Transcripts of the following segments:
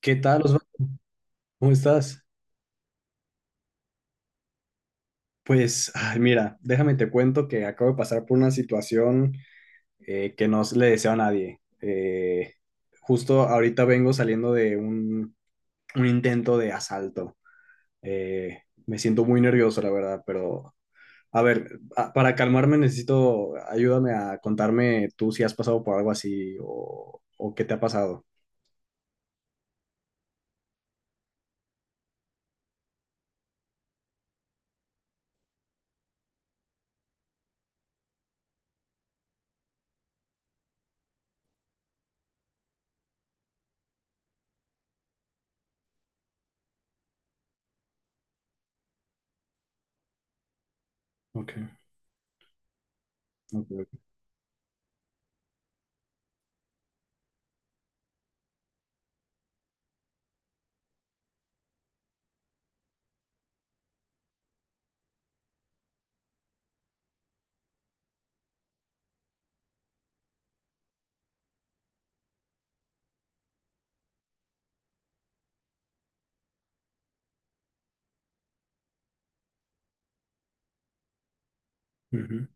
¿Qué tal, Osvaldo? ¿Cómo estás? Pues, ay, mira, déjame te cuento que acabo de pasar por una situación, que no le deseo a nadie. Justo ahorita vengo saliendo de un intento de asalto. Eh, Me siento muy nervioso, la verdad, pero a ver, para calmarme necesito, ayúdame a contarme tú si has pasado por algo así o qué te ha pasado. Ok, ok, ok. Ujú,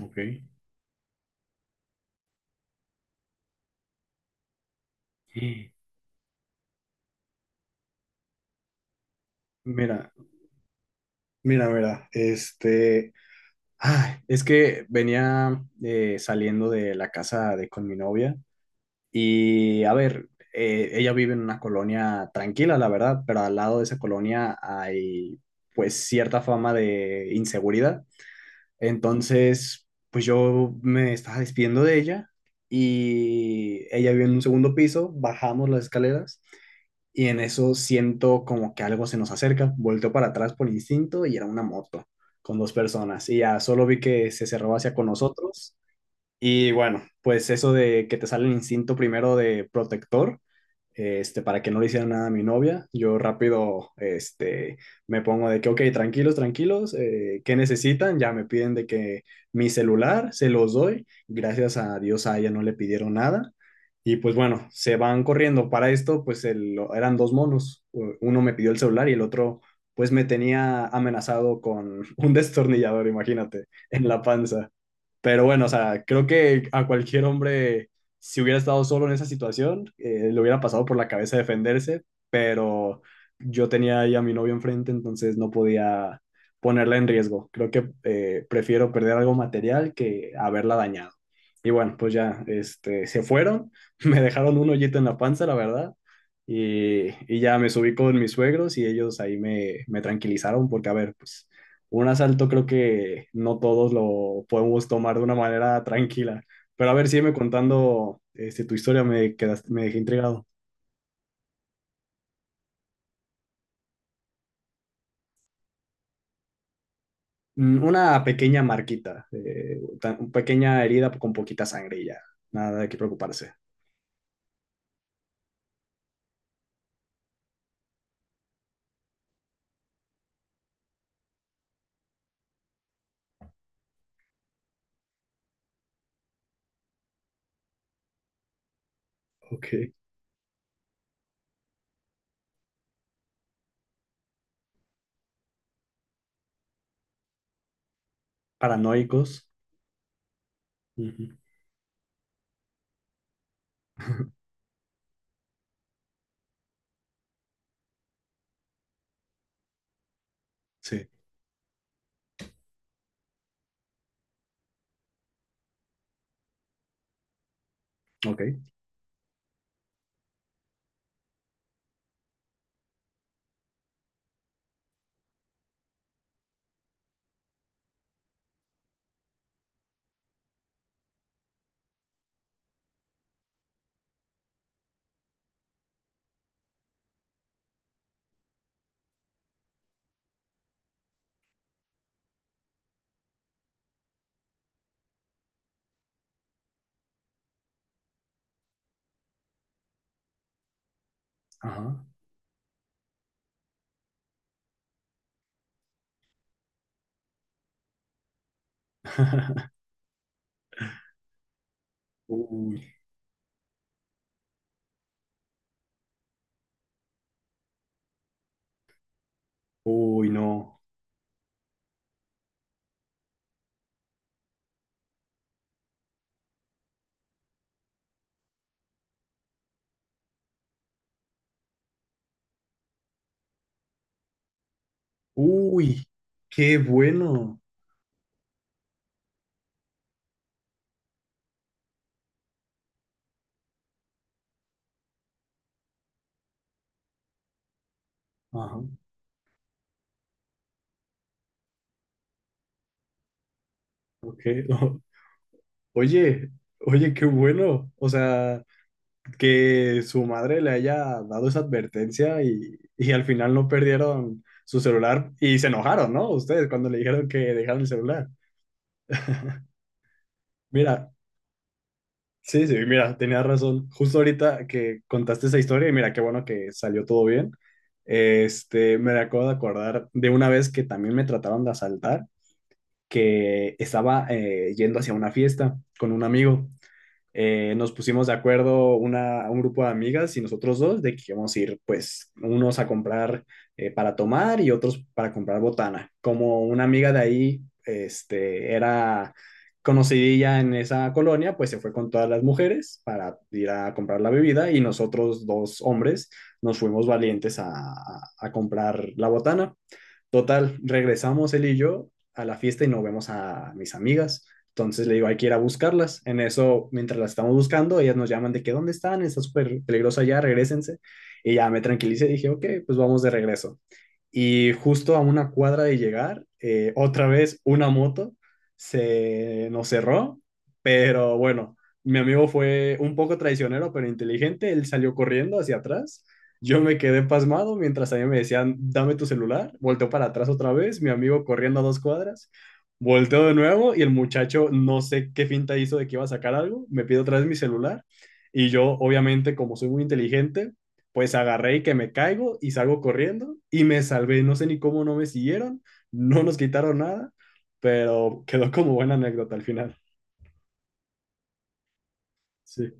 ok. Mira, mira, mira, Ay, es que venía saliendo de la casa de con mi novia y a ver, ella vive en una colonia tranquila, la verdad, pero al lado de esa colonia hay pues cierta fama de inseguridad. Entonces, pues yo me estaba despidiendo de ella y ella vive en un segundo piso, bajamos las escaleras y en eso siento como que algo se nos acerca. Volteo para atrás por instinto y era una moto con dos personas. Y ya solo vi que se cerró hacia con nosotros. Y bueno, pues eso de que te sale el instinto primero de protector para que no le hicieran nada a mi novia. Yo rápido me pongo de que, ok, tranquilos, tranquilos, ¿qué necesitan? Ya me piden de que mi celular se los doy. Gracias a Dios a ella no le pidieron nada. Y pues bueno, se van corriendo. Para esto, pues el, eran dos monos. Uno me pidió el celular y el otro, pues me tenía amenazado con un destornillador, imagínate, en la panza. Pero bueno, o sea, creo que a cualquier hombre, si hubiera estado solo en esa situación, le hubiera pasado por la cabeza defenderse, pero yo tenía ahí a mi novio enfrente, entonces no podía ponerla en riesgo. Creo que prefiero perder algo material que haberla dañado. Y bueno, pues ya, se fueron, me dejaron un hoyito en la panza, la verdad, y ya me subí con mis suegros y ellos ahí me tranquilizaron porque, a ver, pues un asalto creo que no todos lo podemos tomar de una manera tranquila. Pero a ver, sígueme contando este, tu historia, me quedaste, me dejé intrigado. Mm, una pequeña marquita, una pequeña herida con poquita sangre y ya. Nada de qué preocuparse. Ok. Paranoicos. Ujú. Sí. Ok. Ajá. Uy. Uy, no. Uy, qué bueno. Ajá. Ok. Oye, oye, qué bueno. O sea, que su madre le haya dado esa advertencia y al final no perdieron su celular y se enojaron, ¿no? Ustedes cuando le dijeron que dejaron el celular. Mira, sí, sí, mira, tenía razón. Justo ahorita que contaste esa historia y mira, qué bueno que salió todo bien. Este, me acabo de acordar de una vez que también me trataron de asaltar, que estaba yendo hacia una fiesta con un amigo, nos pusimos de acuerdo un grupo de amigas y nosotros dos de que íbamos a ir, pues, unos a comprar para tomar y otros para comprar botana. Como una amiga de ahí, este, era conocidilla en esa colonia, pues se fue con todas las mujeres para ir a comprar la bebida y nosotros dos hombres nos fuimos valientes a comprar la botana. Total, regresamos él y yo a la fiesta y nos vemos a mis amigas. Entonces le digo, hay que ir a buscarlas. En eso, mientras las estamos buscando, ellas nos llaman de que dónde están, está súper peligrosa ya, regresense. Y ya me tranquilicé y dije, ok, pues vamos de regreso. Y justo a una cuadra de llegar, otra vez una moto se nos cerró, pero bueno, mi amigo fue un poco traicionero, pero inteligente, él salió corriendo hacia atrás, yo me quedé pasmado mientras a mí me decían, dame tu celular, volteó para atrás otra vez, mi amigo corriendo a dos cuadras, volteó de nuevo y el muchacho no sé qué finta hizo de que iba a sacar algo, me pide otra vez mi celular. Y yo, obviamente, como soy muy inteligente, pues agarré y que me caigo y salgo corriendo y me salvé. No sé ni cómo no me siguieron, no nos quitaron nada, pero quedó como buena anécdota al final. Sí.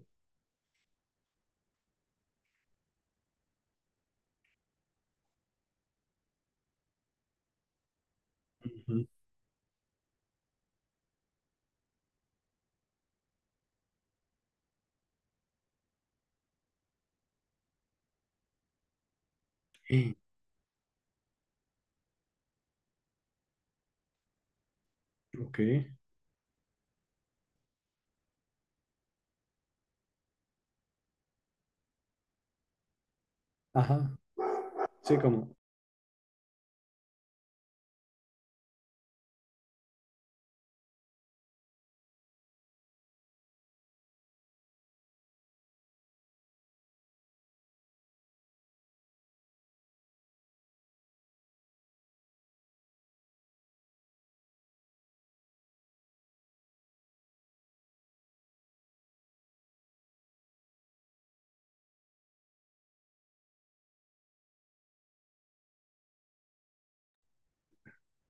Ujú. Ok. Ajá. Sí, como,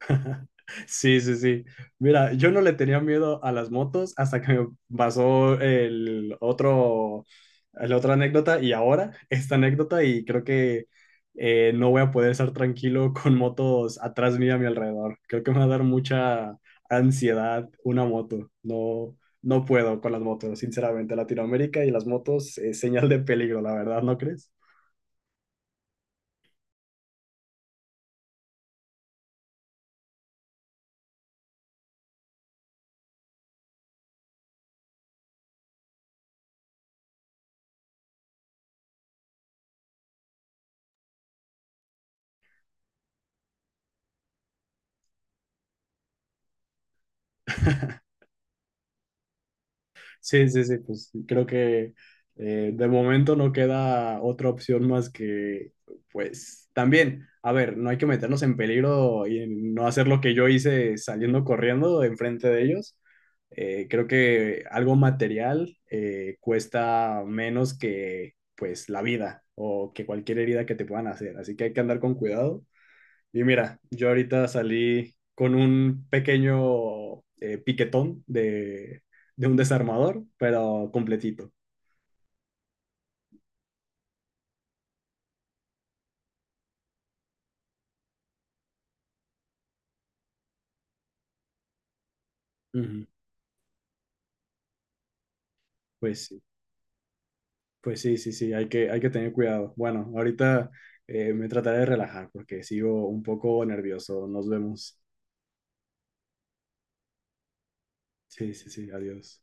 sí, sí, sí. Mira, yo no le tenía miedo a las motos hasta que me pasó el otro, la otra anécdota y ahora esta anécdota y creo que no voy a poder estar tranquilo con motos atrás mía a mi alrededor. Creo que me va a dar mucha ansiedad una moto. No, no puedo con las motos, sinceramente. Latinoamérica y las motos es señal de peligro, la verdad, ¿no crees? Sí, sí, sí, pues creo que de momento no queda otra opción más que, pues también, a ver, no hay que meternos en peligro y en no hacer lo que yo hice saliendo corriendo enfrente de ellos. Creo que algo material cuesta menos que, pues, la vida o que cualquier herida que te puedan hacer, así que hay que andar con cuidado y mira, yo ahorita salí con un pequeño piquetón de un desarmador, pero completito. Ujú. Pues sí, pues sí, sí, sí, hay que tener cuidado. Bueno, ahorita me trataré de relajar porque sigo un poco nervioso. Nos vemos. Sí, sí, sí, adiós.